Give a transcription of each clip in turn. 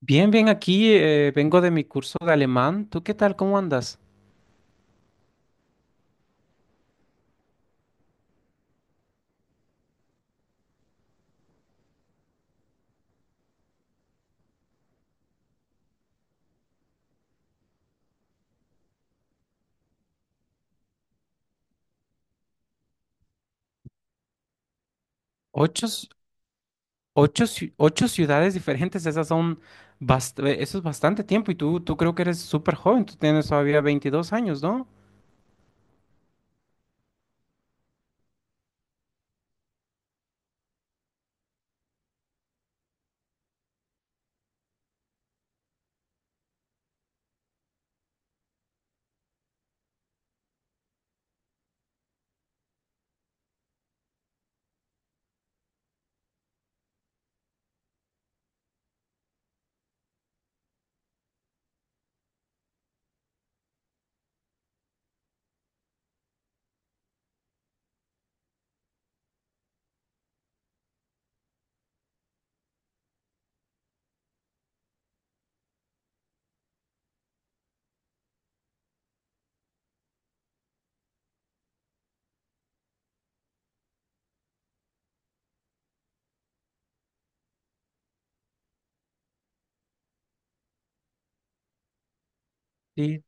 Bien, bien, aquí vengo de mi curso de alemán. ¿Tú qué tal? ¿Cómo andas? Ocho, ocho ciudades diferentes, esas son eso es bastante tiempo y tú creo que eres súper joven, tú tienes todavía 22 años, ¿no? Sí.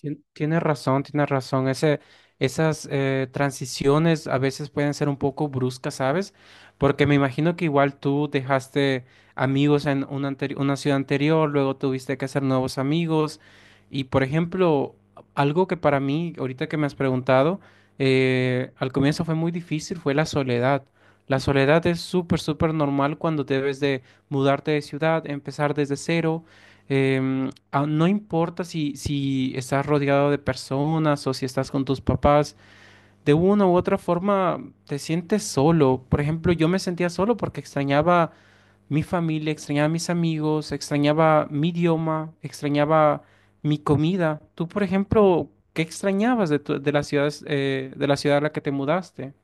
Tienes razón, tienes razón. Esas transiciones a veces pueden ser un poco bruscas, ¿sabes? Porque me imagino que igual tú dejaste amigos en una ciudad anterior, luego tuviste que hacer nuevos amigos. Y por ejemplo, algo que para mí, ahorita que me has preguntado, al comienzo fue muy difícil, fue la soledad. La soledad es súper, súper normal cuando debes de mudarte de ciudad, empezar desde cero. em, no importa si estás rodeado de personas o si estás con tus papás, de una u otra forma te sientes solo. Por ejemplo, yo me sentía solo porque extrañaba mi familia, extrañaba mis amigos, extrañaba mi idioma, extrañaba mi comida. Tú, por ejemplo, ¿qué extrañabas de las ciudades, de la ciudad a la que te mudaste?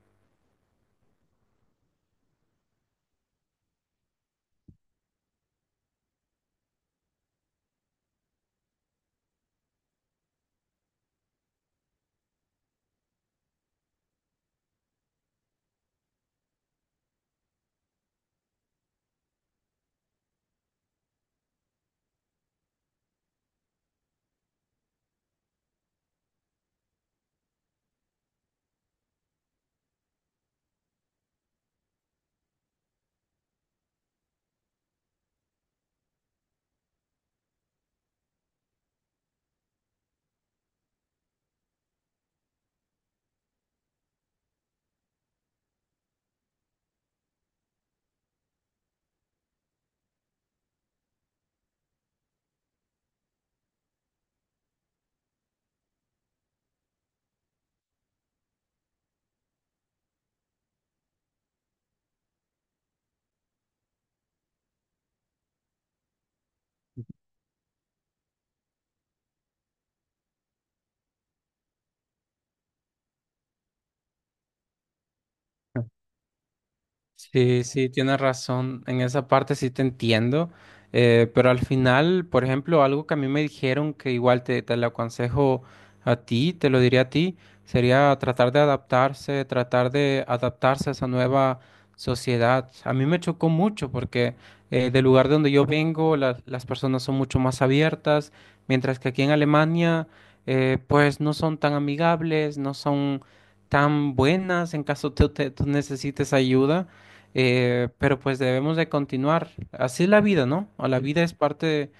Sí, sí, tienes razón. En esa parte sí te entiendo. Pero al final, por ejemplo, algo que a mí me dijeron que igual te lo aconsejo a ti, te lo diría a ti, sería tratar de adaptarse a esa nueva sociedad. A mí me chocó mucho porque del lugar de donde yo vengo, las personas son mucho más abiertas, mientras que aquí en Alemania, pues no son tan amigables, no son tan buenas en caso tú necesites ayuda. Pero pues debemos de continuar. Así es la vida, ¿no? O la. Sí. Vida es parte de,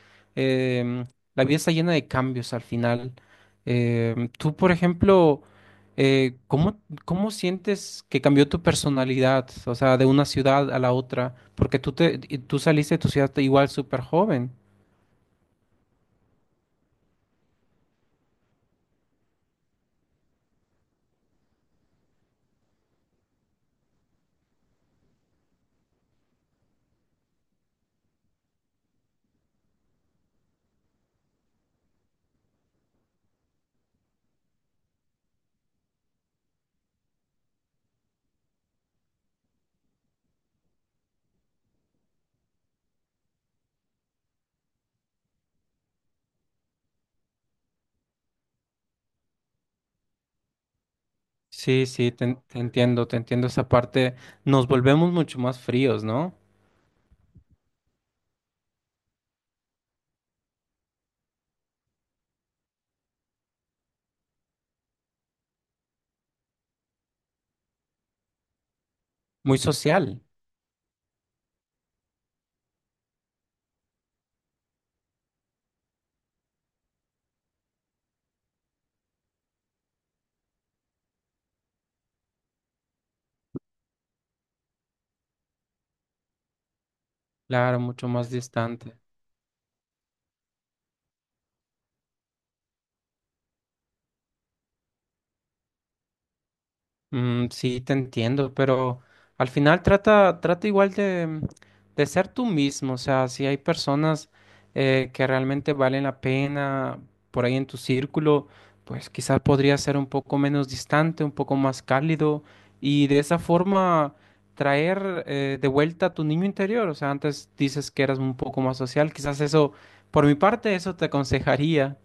em, la vida está llena de cambios al final. Tú, por ejemplo, ¿cómo, cómo sientes que cambió tu personalidad? O sea, de una ciudad a la otra. Porque y tú saliste de tu ciudad igual súper joven. Sí, sí, te entiendo esa parte. Nos volvemos mucho más fríos, ¿no? Muy social. Claro, mucho más distante. Mm, sí, te entiendo, pero al final trata igual de ser tú mismo. O sea, si hay personas que realmente valen la pena por ahí en tu círculo, pues quizás podría ser un poco menos distante, un poco más cálido y de esa forma traer de vuelta a tu niño interior. O sea, antes dices que eras un poco más social, quizás eso, por mi parte, eso te aconsejaría.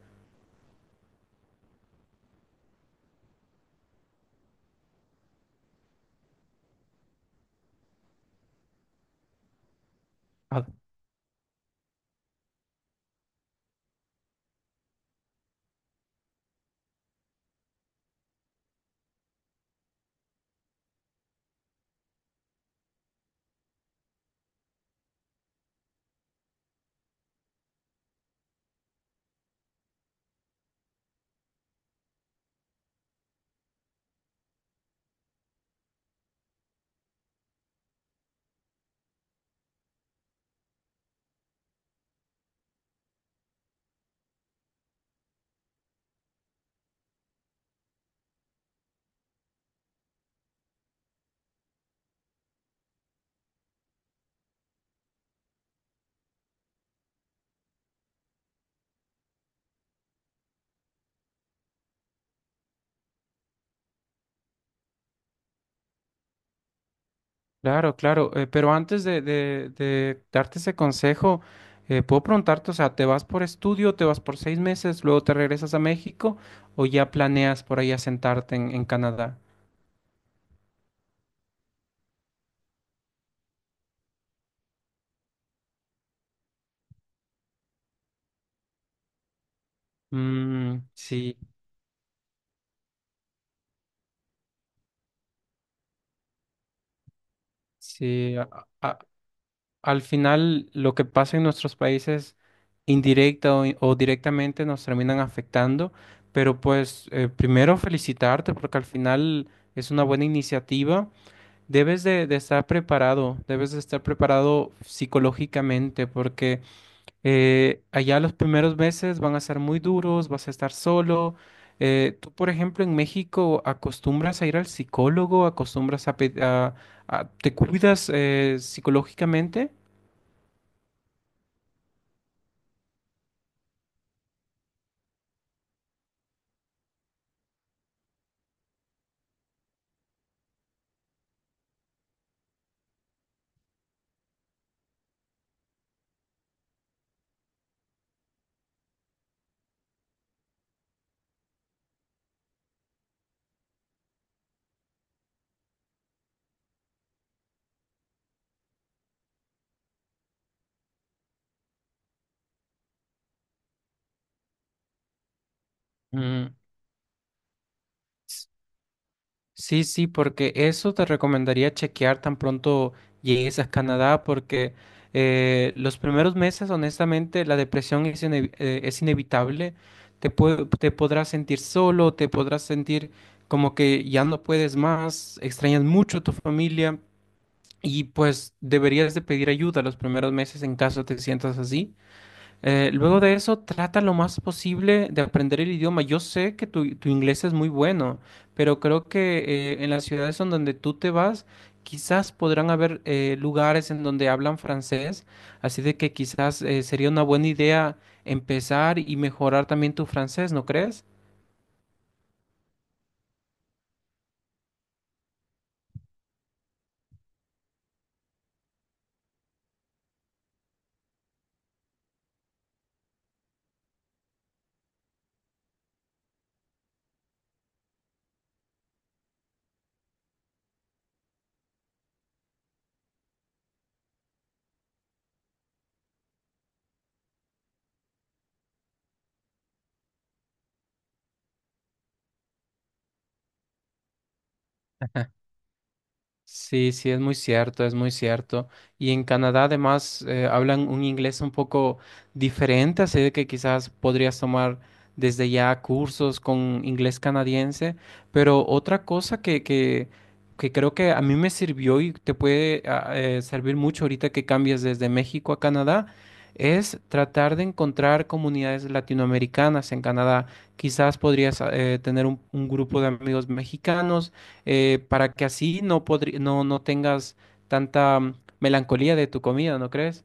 Claro, claro, pero antes de darte ese consejo, puedo preguntarte, o sea, ¿te vas por estudio, te vas por 6 meses, luego te regresas a México o ya planeas por ahí asentarte en Canadá? Mm, sí, sí, al final lo que pasa en nuestros países indirecta o directamente nos terminan afectando, pero pues primero felicitarte porque al final es una buena iniciativa. Debes de estar preparado, debes de estar preparado psicológicamente porque allá los primeros meses van a ser muy duros, vas a estar solo. Tú, por ejemplo, en México acostumbras a ir al psicólogo, acostumbras a, pe- a- te cuidas psicológicamente. Mm. Sí, sí, porque eso te recomendaría chequear tan pronto llegues a Canadá, porque los primeros meses, honestamente, la depresión es inevitable. Te podrás sentir solo, te podrás sentir como que ya no puedes más, extrañas mucho a tu familia y pues deberías de pedir ayuda los primeros meses en caso te sientas así. Luego de eso, trata lo más posible de aprender el idioma. Yo sé que tu inglés es muy bueno, pero creo que en las ciudades en donde tú te vas, quizás podrán haber lugares en donde hablan francés, así de que quizás sería una buena idea empezar y mejorar también tu francés, ¿no crees? Sí, sí, es muy cierto, es muy cierto. Y en Canadá además hablan un inglés un poco diferente, así de que quizás podrías tomar desde ya cursos con inglés canadiense. Pero otra cosa que creo que a mí me sirvió y te puede servir mucho ahorita que cambies desde México a Canadá es tratar de encontrar comunidades latinoamericanas en Canadá. Quizás podrías tener un grupo de amigos mexicanos para que así no, no tengas tanta mm, melancolía de tu comida, ¿no crees?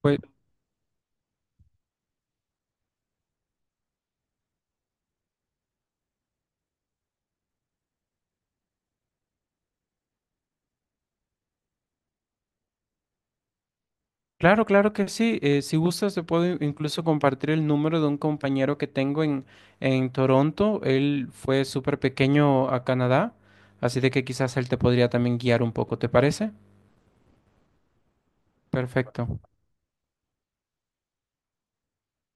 Pues claro, claro que sí. Si gustas, te puedo incluso compartir el número de un compañero que tengo en Toronto. Él fue súper pequeño a Canadá, así de que quizás él te podría también guiar un poco, ¿te parece? Perfecto.